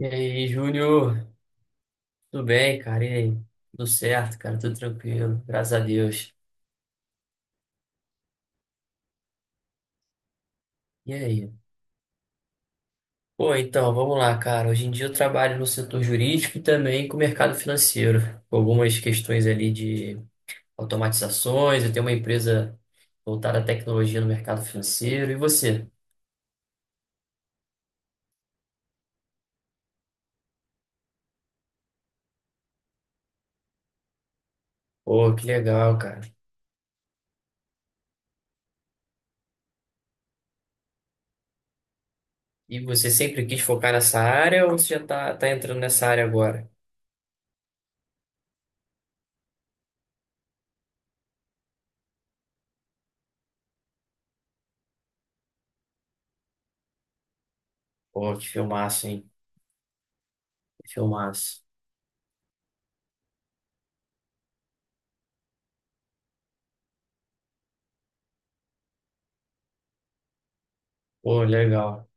E aí, Júnior? Tudo bem, cara? E aí? Tudo certo, cara? Tudo tranquilo, graças a Deus. E aí? Vamos lá, cara. Hoje em dia eu trabalho no setor jurídico e também com o mercado financeiro, com algumas questões ali de automatizações. Eu tenho uma empresa voltada à tecnologia no mercado financeiro. E você? Pô, que legal, cara. E você sempre quis focar nessa área ou você já tá, entrando nessa área agora? Pô, que filmaço, hein? Que filmaço. Pô, legal.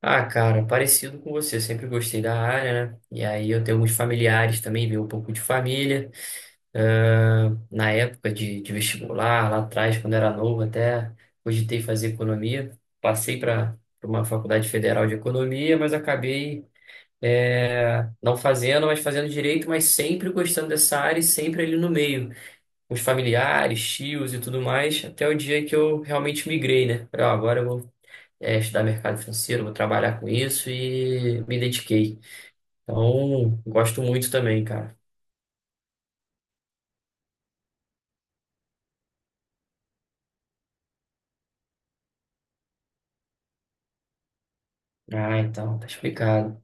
Ah, cara, parecido com você, sempre gostei da área, né? E aí eu tenho alguns familiares também, vi um pouco de família. Ah, na época de vestibular, lá atrás, quando era novo, até cogitei fazer economia. Passei para uma faculdade federal de economia, mas acabei não fazendo, mas fazendo direito, mas sempre gostando dessa área e sempre ali no meio, com os familiares, tios e tudo mais, até o dia que eu realmente migrei, né? Falei, ó, agora eu vou estudar mercado financeiro, vou trabalhar com isso e me dediquei. Então, gosto muito também, cara. Ah, então, tá explicado.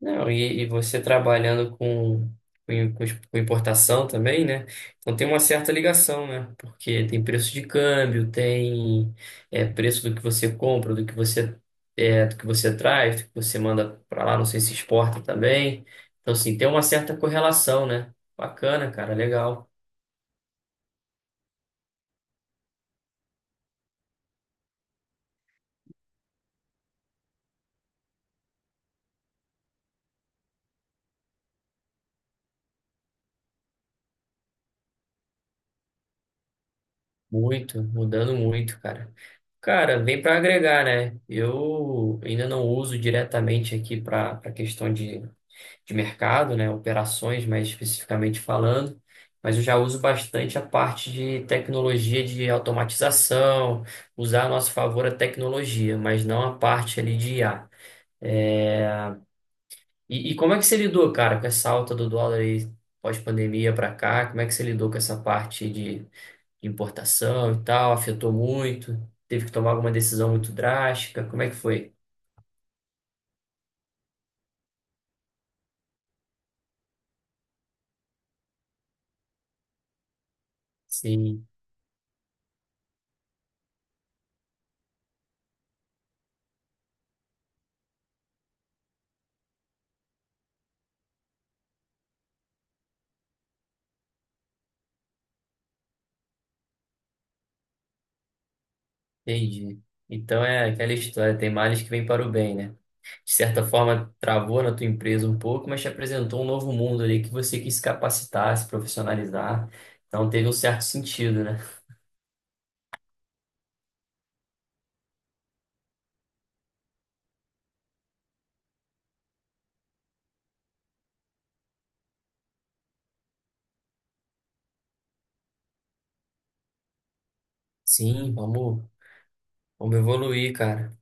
Não, e você trabalhando com importação também, né? Então tem uma certa ligação, né? Porque tem preço de câmbio, tem preço do que você compra, do que do que você traz, do que você manda para lá, não sei se exporta também. Então, assim, tem uma certa correlação, né? Bacana, cara, legal. Muito, mudando muito, cara. Cara, vem para agregar, né? Eu ainda não uso diretamente aqui para questão de mercado, né? Operações, mais especificamente falando, mas eu já uso bastante a parte de tecnologia de automatização, usar a nosso favor a tecnologia, mas não a parte ali de I a. É, E, e como é que você lidou, cara, com essa alta do dólar aí pós-pandemia para cá? Como é que você lidou com essa parte de importação e tal, afetou muito, teve que tomar alguma decisão muito drástica, como é que foi? Sim, entendi. Então é aquela história, tem males que vêm para o bem, né? De certa forma, travou na tua empresa um pouco, mas te apresentou um novo mundo ali que você quis se capacitar, se profissionalizar. Então teve um certo sentido, né? Sim, vamos evoluir, cara.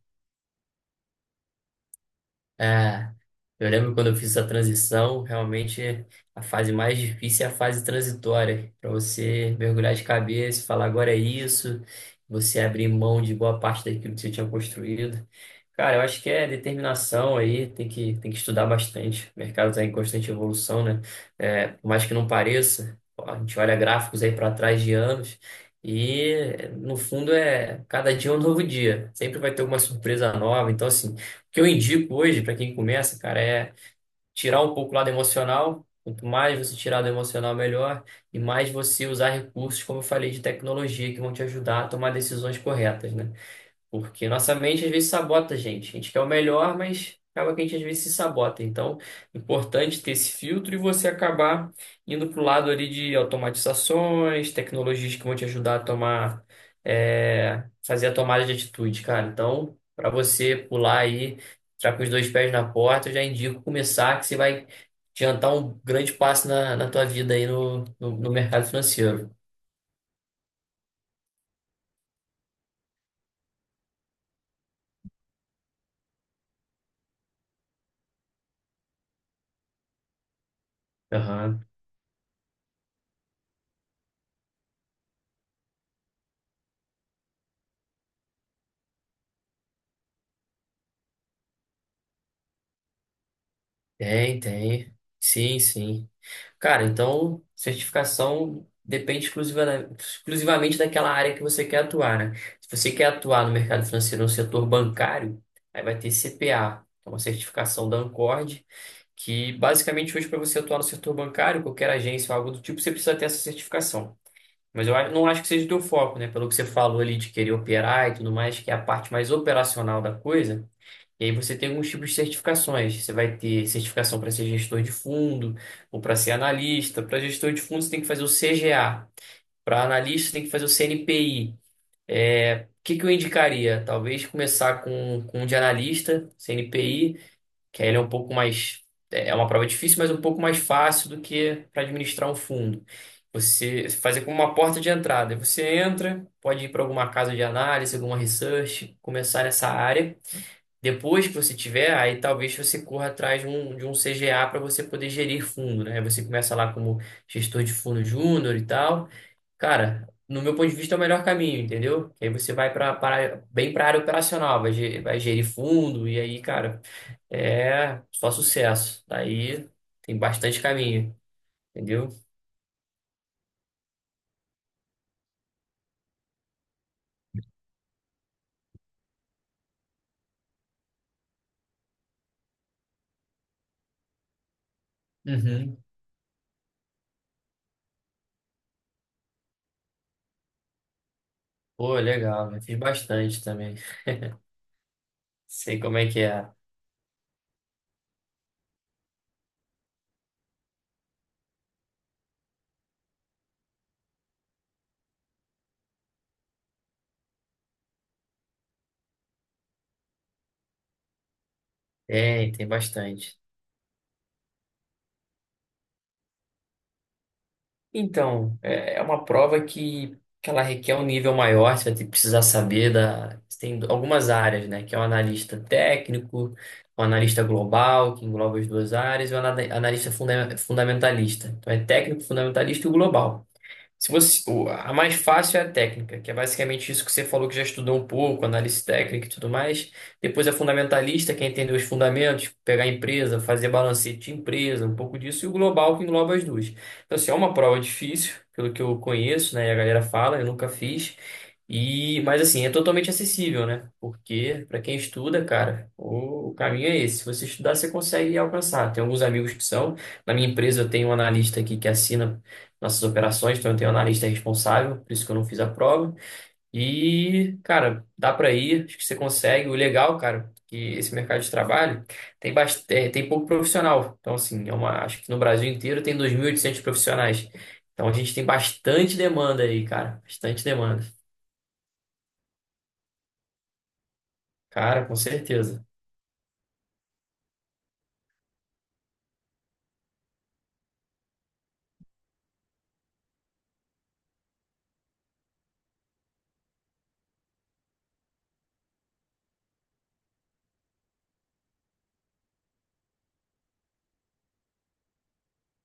É, eu lembro quando eu fiz essa transição, realmente a fase mais difícil é a fase transitória, para você mergulhar de cabeça, falar agora é isso, você abrir mão de boa parte daquilo que você tinha construído. Cara, eu acho que é determinação aí, tem que estudar bastante. O mercado está em constante evolução, né? É, por mais que não pareça, a gente olha gráficos aí para trás de anos e, no fundo, é cada dia é um novo dia. Sempre vai ter alguma surpresa nova. Então, assim, o que eu indico hoje para quem começa, cara, é tirar um pouco o lado emocional. Quanto mais você tirar do emocional, melhor. E mais você usar recursos, como eu falei, de tecnologia que vão te ajudar a tomar decisões corretas, né? Porque nossa mente às vezes sabota a gente. A gente quer o melhor, mas acaba que a gente às vezes se sabota. Então, é importante ter esse filtro e você acabar indo para o lado ali de automatizações, tecnologias que vão te ajudar a tomar, fazer a tomada de atitude, cara. Então, para você pular aí, entrar com os dois pés na porta, eu já indico começar, que você vai adiantar um grande passo na, na tua vida aí no mercado financeiro. Aham. Tem, tem. Sim, sim. Cara, então certificação exclusivamente daquela área que você quer atuar, né? Se você quer atuar no mercado financeiro, no setor bancário, aí vai ter CPA, que é uma certificação da Ancord, que basicamente hoje para você atuar no setor bancário, qualquer agência ou algo do tipo, você precisa ter essa certificação. Mas eu não acho que seja o teu foco, né? Pelo que você falou ali de querer operar e tudo mais, que é a parte mais operacional da coisa. E aí você tem alguns tipos de certificações. Você vai ter certificação para ser gestor de fundo ou para ser analista. Para gestor de fundo, você tem que fazer o CGA. Para analista, você tem que fazer o CNPI. É, o que que eu indicaria? Talvez começar com um de analista, CNPI, que aí ele é um pouco mais. É uma prova difícil, mas um pouco mais fácil do que para administrar um fundo. Você fazer como uma porta de entrada. Você entra, pode ir para alguma casa de análise, alguma research, começar nessa área. Depois que você tiver, aí talvez você corra atrás de um CGA para você poder gerir fundo, né? Você começa lá como gestor de fundo júnior e tal. Cara, no meu ponto de vista é o melhor caminho, entendeu? Que aí você vai bem para a área operacional, vai gerir fundo e aí, cara, é só sucesso. Daí tem bastante caminho, entendeu? Uhum. Pô, legal, eu fiz bastante também. Sei como é que é. Tem, tem bastante. Então, é uma prova que ela requer um nível maior, você vai ter que precisar saber da. Você tem algumas áreas, né? Que é o analista técnico, o analista global, que engloba as duas áreas, e o fundamentalista. Então é técnico, fundamentalista e o global. Se a mais fácil é a técnica, que é basicamente isso que você falou que já estudou um pouco, análise técnica e tudo mais. Depois a fundamentalista, que é entender os fundamentos, pegar a empresa, fazer balancete de empresa, um pouco disso, e o global, que engloba as duas. Então, assim, é uma prova difícil, pelo que eu conheço, né? E a galera fala, eu nunca fiz. E, mas assim, é totalmente acessível, né? Porque para quem estuda, cara, o caminho é esse. Se você estudar, você consegue alcançar. Tem alguns amigos que são. Na minha empresa, eu tenho um analista aqui que assina nossas operações, então eu tenho um analista responsável, por isso que eu não fiz a prova. E, cara, dá pra ir, acho que você consegue. O legal, cara, que esse mercado de trabalho tem bastante, tem pouco profissional. Então, assim, é uma, acho que no Brasil inteiro tem 2.800 profissionais. Então a gente tem bastante demanda aí, cara, bastante demanda. Cara, com certeza.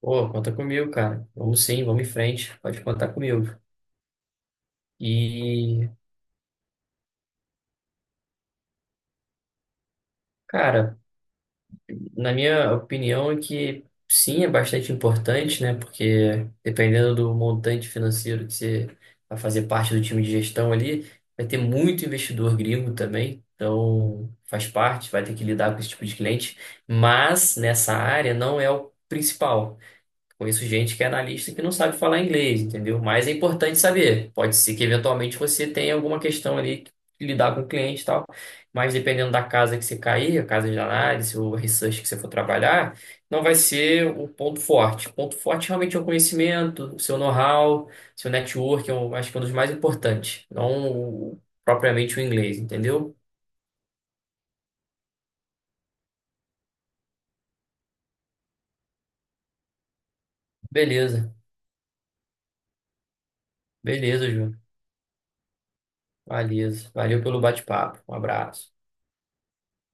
Pô, conta comigo, cara. Vamos sim, vamos em frente. Pode contar comigo. E, cara, na minha opinião, é que sim, é bastante importante, né? Porque dependendo do montante financeiro que você vai fazer parte do time de gestão ali, vai ter muito investidor gringo também. Então, faz parte, vai ter que lidar com esse tipo de cliente. Mas nessa área não é o principal. Conheço gente que é analista que não sabe falar inglês, entendeu? Mas é importante saber. Pode ser que eventualmente você tenha alguma questão ali que lidar com o cliente e tal. Mas dependendo da casa que você cair, a casa de análise ou research que você for trabalhar, não vai ser o ponto forte. O ponto forte realmente é o conhecimento, o seu know-how, seu network, eu acho que é um dos mais importantes. Não propriamente o inglês, entendeu? Beleza, beleza, Ju. Beleza. Valeu pelo bate-papo. Um abraço.